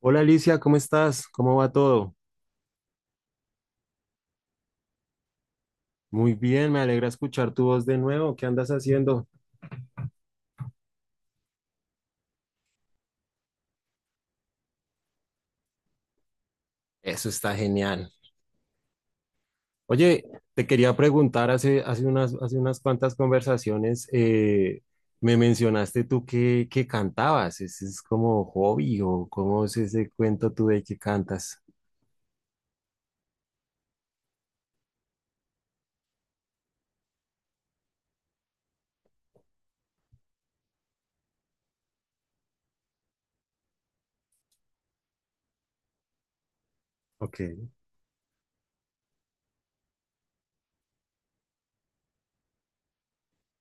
Hola Alicia, ¿cómo estás? ¿Cómo va todo? Muy bien, me alegra escuchar tu voz de nuevo. ¿Qué andas haciendo? Eso está genial. Oye, te quería preguntar, hace unas cuantas conversaciones, me mencionaste tú que cantabas. ¿Ese es como hobby o cómo es ese cuento tú de que cantas? Ok.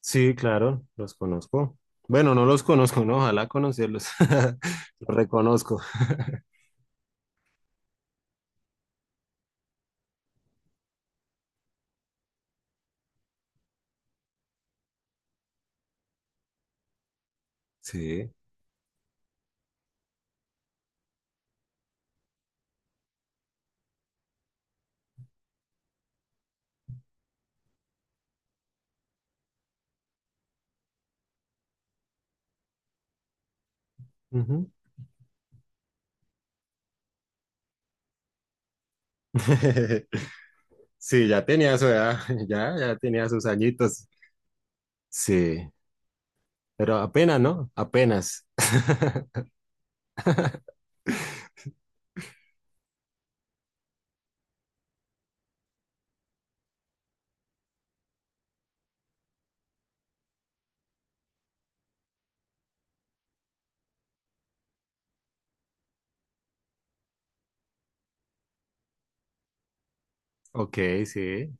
Sí, claro, los conozco. Bueno, no los conozco, ¿no? Ojalá conocerlos. Los reconozco. Sí. Ujú. Sí, ya tenía su edad, ya tenía sus añitos. Sí, pero apenas, ¿no? Apenas. Ok, sí.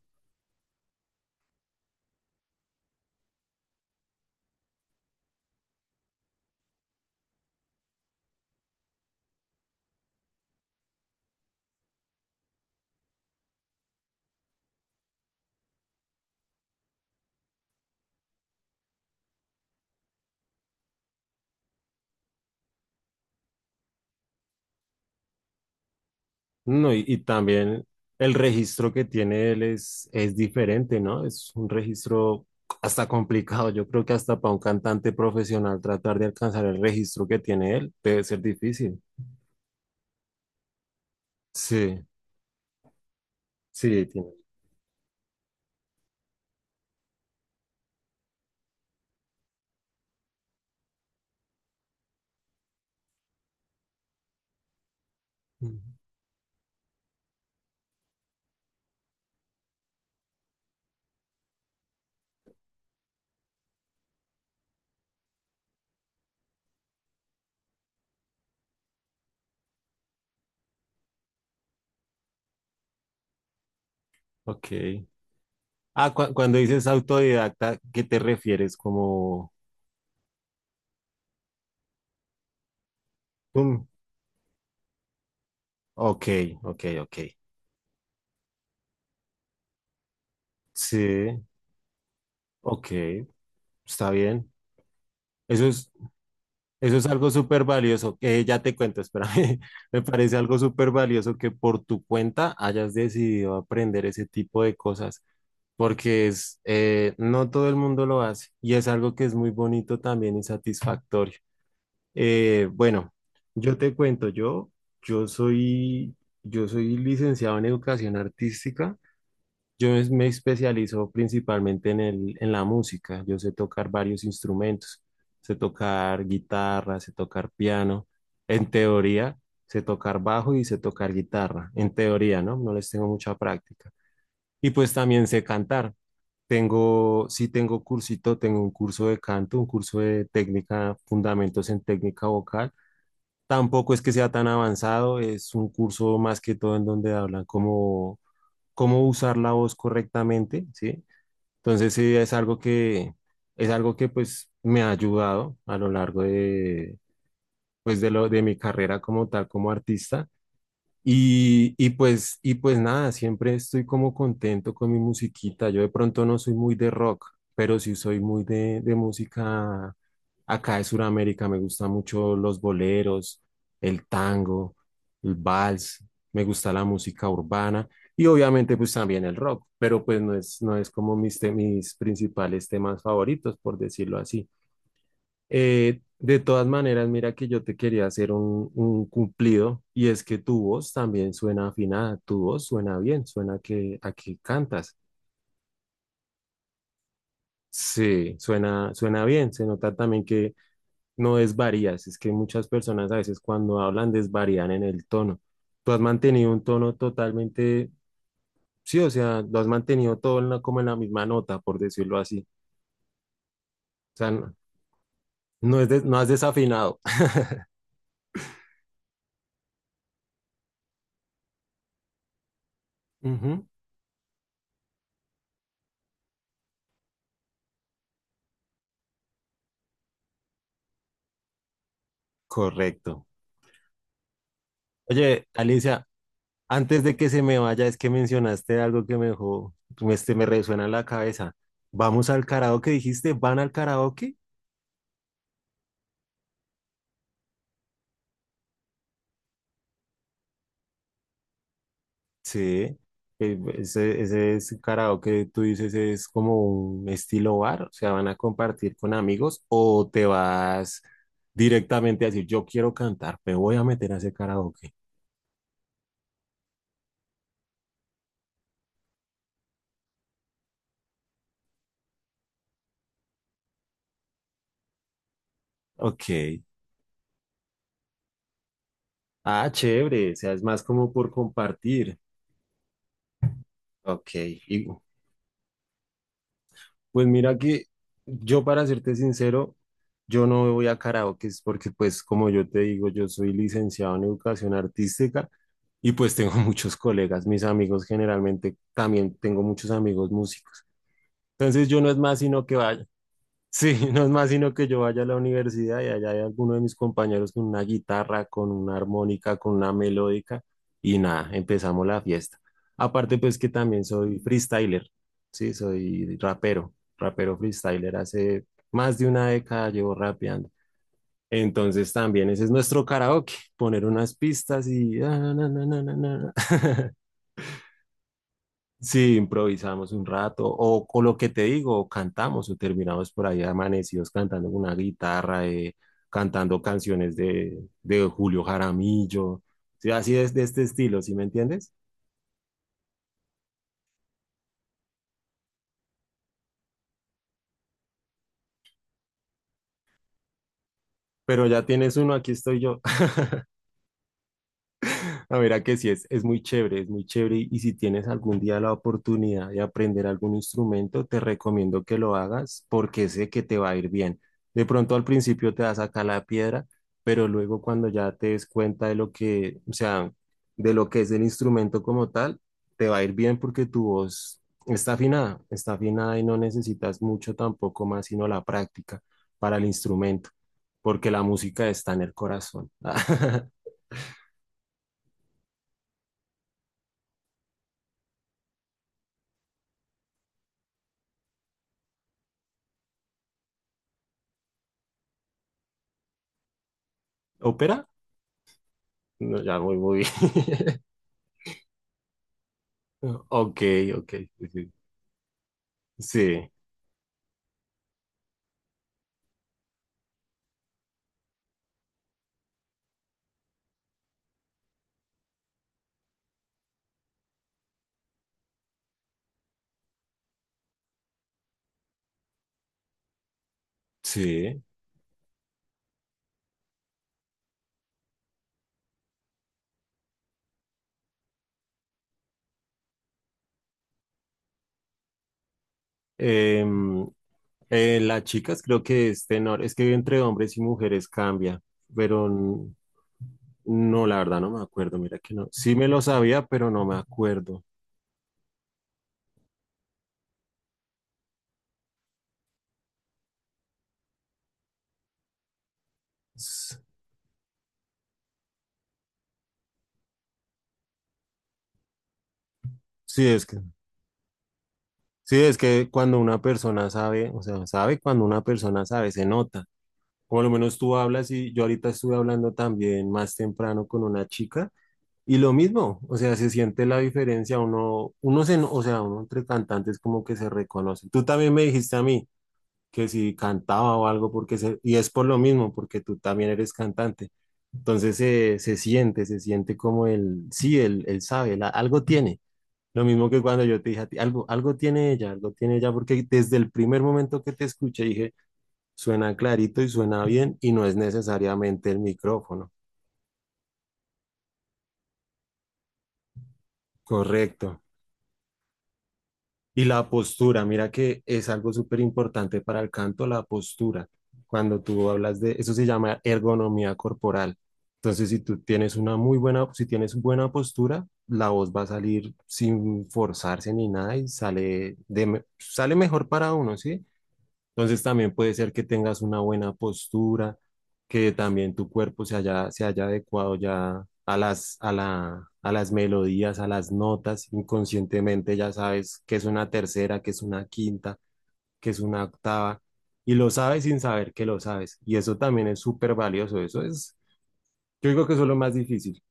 No, y también el registro que tiene él es diferente, ¿no? Es un registro hasta complicado. Yo creo que hasta para un cantante profesional tratar de alcanzar el registro que tiene él debe ser difícil. Sí, sí, tiene. Ujú. Ok. Ah, cuando dices autodidacta, ¿qué te refieres? Como, um, ok, ok, ok. Sí, ok, está bien. Eso es, eso es algo súper valioso, que ya te cuento, espérame. Me parece algo súper valioso que por tu cuenta hayas decidido aprender ese tipo de cosas, porque es, no todo el mundo lo hace y es algo que es muy bonito también y satisfactorio. Bueno, yo te cuento, yo soy, yo soy licenciado en educación artística. Me especializo principalmente en la música. Yo sé tocar varios instrumentos. Sé tocar guitarra, sé tocar piano. En teoría, sé tocar bajo y sé tocar guitarra. En teoría, ¿no? No les tengo mucha práctica. Y pues también sé cantar. Sí tengo cursito, tengo un curso de canto, un curso de técnica, fundamentos en técnica vocal. Tampoco es que sea tan avanzado, es un curso más que todo en donde hablan como cómo usar la voz correctamente, ¿sí? Entonces, sí, es algo que, pues me ha ayudado a lo largo de, pues, de mi carrera como tal, como artista. Y pues nada, siempre estoy como contento con mi musiquita. Yo de pronto no soy muy de rock, pero sí soy muy de, música acá de Sudamérica. Me gustan mucho los boleros, el tango, el vals, me gusta la música urbana y obviamente pues también el rock, pero pues no es como mis principales temas favoritos, por decirlo así. De todas maneras, mira que yo te quería hacer un cumplido y es que tu voz también suena afinada, tu voz suena bien, suena a que cantas. Sí, suena bien, se nota también que no desvarías, es que muchas personas a veces cuando hablan desvarían en el tono. Tú has mantenido un tono totalmente, sí, o sea, lo has mantenido todo en como en la misma nota, por decirlo así. O sea, no, no has desafinado. Ujú, correcto. Oye, Alicia. Antes de que se me vaya, es que mencionaste algo que me dejó, me resuena en la cabeza. ¿Vamos al karaoke, dijiste? ¿Van al karaoke? Sí. Ese es karaoke, tú dices, es como un estilo bar, o sea, van a compartir con amigos o te vas directamente a decir, yo quiero cantar, me voy a meter a ese karaoke. Ok. Ah, chévere, o sea, es más como por compartir. Ok. Pues mira que yo, para serte sincero, yo no voy a karaokes porque pues como yo te digo, yo soy licenciado en educación artística y pues tengo muchos colegas, mis amigos generalmente, también tengo muchos amigos músicos. Entonces yo no es más sino que vaya. Sí, no es más sino que yo vaya a la universidad y allá hay alguno de mis compañeros con una guitarra, con una armónica, con una melódica y nada, empezamos la fiesta. Aparte pues que también soy freestyler, sí, soy rapero, rapero freestyler, hace más de una década llevo rapeando. Entonces también ese es nuestro karaoke, poner unas pistas y, ah, na, na, na, na, na. Sí, improvisamos un rato, o con lo que te digo, o cantamos, o terminamos por ahí amanecidos cantando con una guitarra, cantando canciones de Julio Jaramillo, sí, así es de este estilo, ¿sí me entiendes? Pero ya tienes uno, aquí estoy yo. A ver, a que sí, es muy chévere, es muy chévere y si tienes algún día la oportunidad de aprender algún instrumento, te recomiendo que lo hagas porque sé que te va a ir bien. De pronto al principio te vas a sacar la piedra, pero luego cuando ya te des cuenta de lo que, o sea, de lo que es el instrumento como tal, te va a ir bien porque tu voz está afinada y no necesitas mucho tampoco más sino la práctica para el instrumento, porque la música está en el corazón. ¿Ópera? No, ya muy muy bien. Ok, ok. Sí, sí. Sí. Sí. Em, las chicas creo que es tenor. Es que entre hombres y mujeres cambia, pero no, la verdad no me acuerdo. Mira que no. Sí me lo sabía, pero no me acuerdo. S- Sí, es que cuando una persona sabe, o sea, sabe cuando una persona sabe, se nota. Por lo menos tú hablas y yo ahorita estuve hablando también más temprano con una chica. Y lo mismo, o sea, se siente la diferencia, o sea, uno entre cantantes como que se reconoce. Tú también me dijiste a mí que si cantaba o algo, y es por lo mismo, porque tú también eres cantante. Entonces se siente como sí, él sabe, algo tiene. Lo mismo que cuando yo te dije a ti, algo tiene ella, porque desde el primer momento que te escuché dije, suena clarito y suena bien y no es necesariamente el micrófono. Correcto. Y la postura, mira que es algo súper importante para el canto, la postura. Cuando tú hablas eso se llama ergonomía corporal. Entonces, si tú tienes una muy buena, si tienes buena postura, la voz va a salir sin forzarse ni nada y sale mejor para uno, ¿sí? Entonces también puede ser que tengas una buena postura, que también tu cuerpo se haya adecuado ya a las melodías, a las notas. Inconscientemente ya sabes que es una tercera, que es una quinta, que es una octava, y lo sabes sin saber que lo sabes. Y eso también es súper valioso. Yo digo que eso es lo más difícil.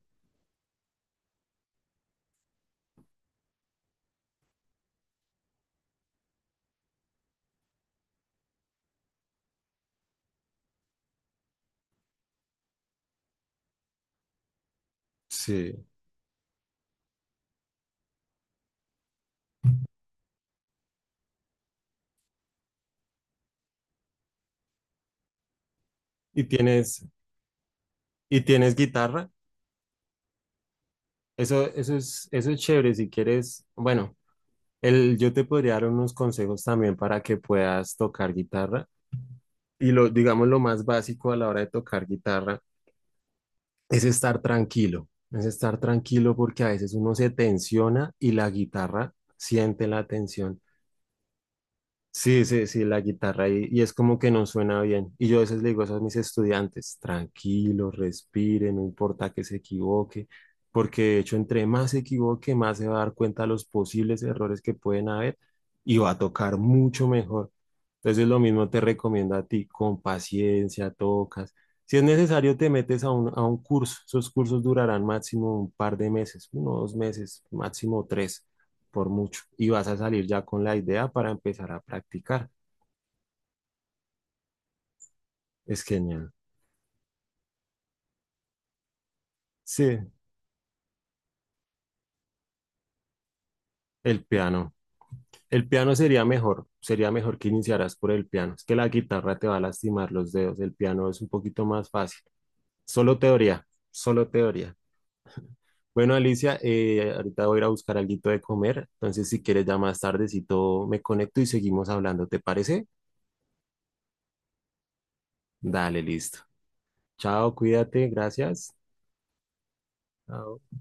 Sí. Y tienes, y tienes guitarra. Eso es chévere si quieres, bueno. Yo te podría dar unos consejos también para que puedas tocar guitarra. Y digamos, lo más básico a la hora de tocar guitarra es estar tranquilo. Es estar tranquilo porque a veces uno se tensiona y la guitarra siente la tensión. Sí, sí, sí, la guitarra y es como que no suena bien. Y yo a veces le digo eso a mis estudiantes, tranquilos, respiren, no importa que se equivoque, porque de hecho entre más se equivoque, más se va a dar cuenta de los posibles errores que pueden haber y va a tocar mucho mejor. Entonces lo mismo te recomiendo a ti, con paciencia, tocas. Si es necesario, te metes a un curso. Esos cursos durarán máximo un par de meses, uno, dos meses, máximo tres por mucho. Y vas a salir ya con la idea para empezar a practicar. Es genial. Sí, el piano. El piano sería mejor que iniciaras por el piano. Es que la guitarra te va a lastimar los dedos, el piano es un poquito más fácil. Solo teoría, solo teoría. Bueno, Alicia, ahorita voy a ir a buscar algo de comer, entonces si quieres ya más tardecito me conecto y seguimos hablando, ¿te parece? Dale, listo. Chao, cuídate, gracias. Chao.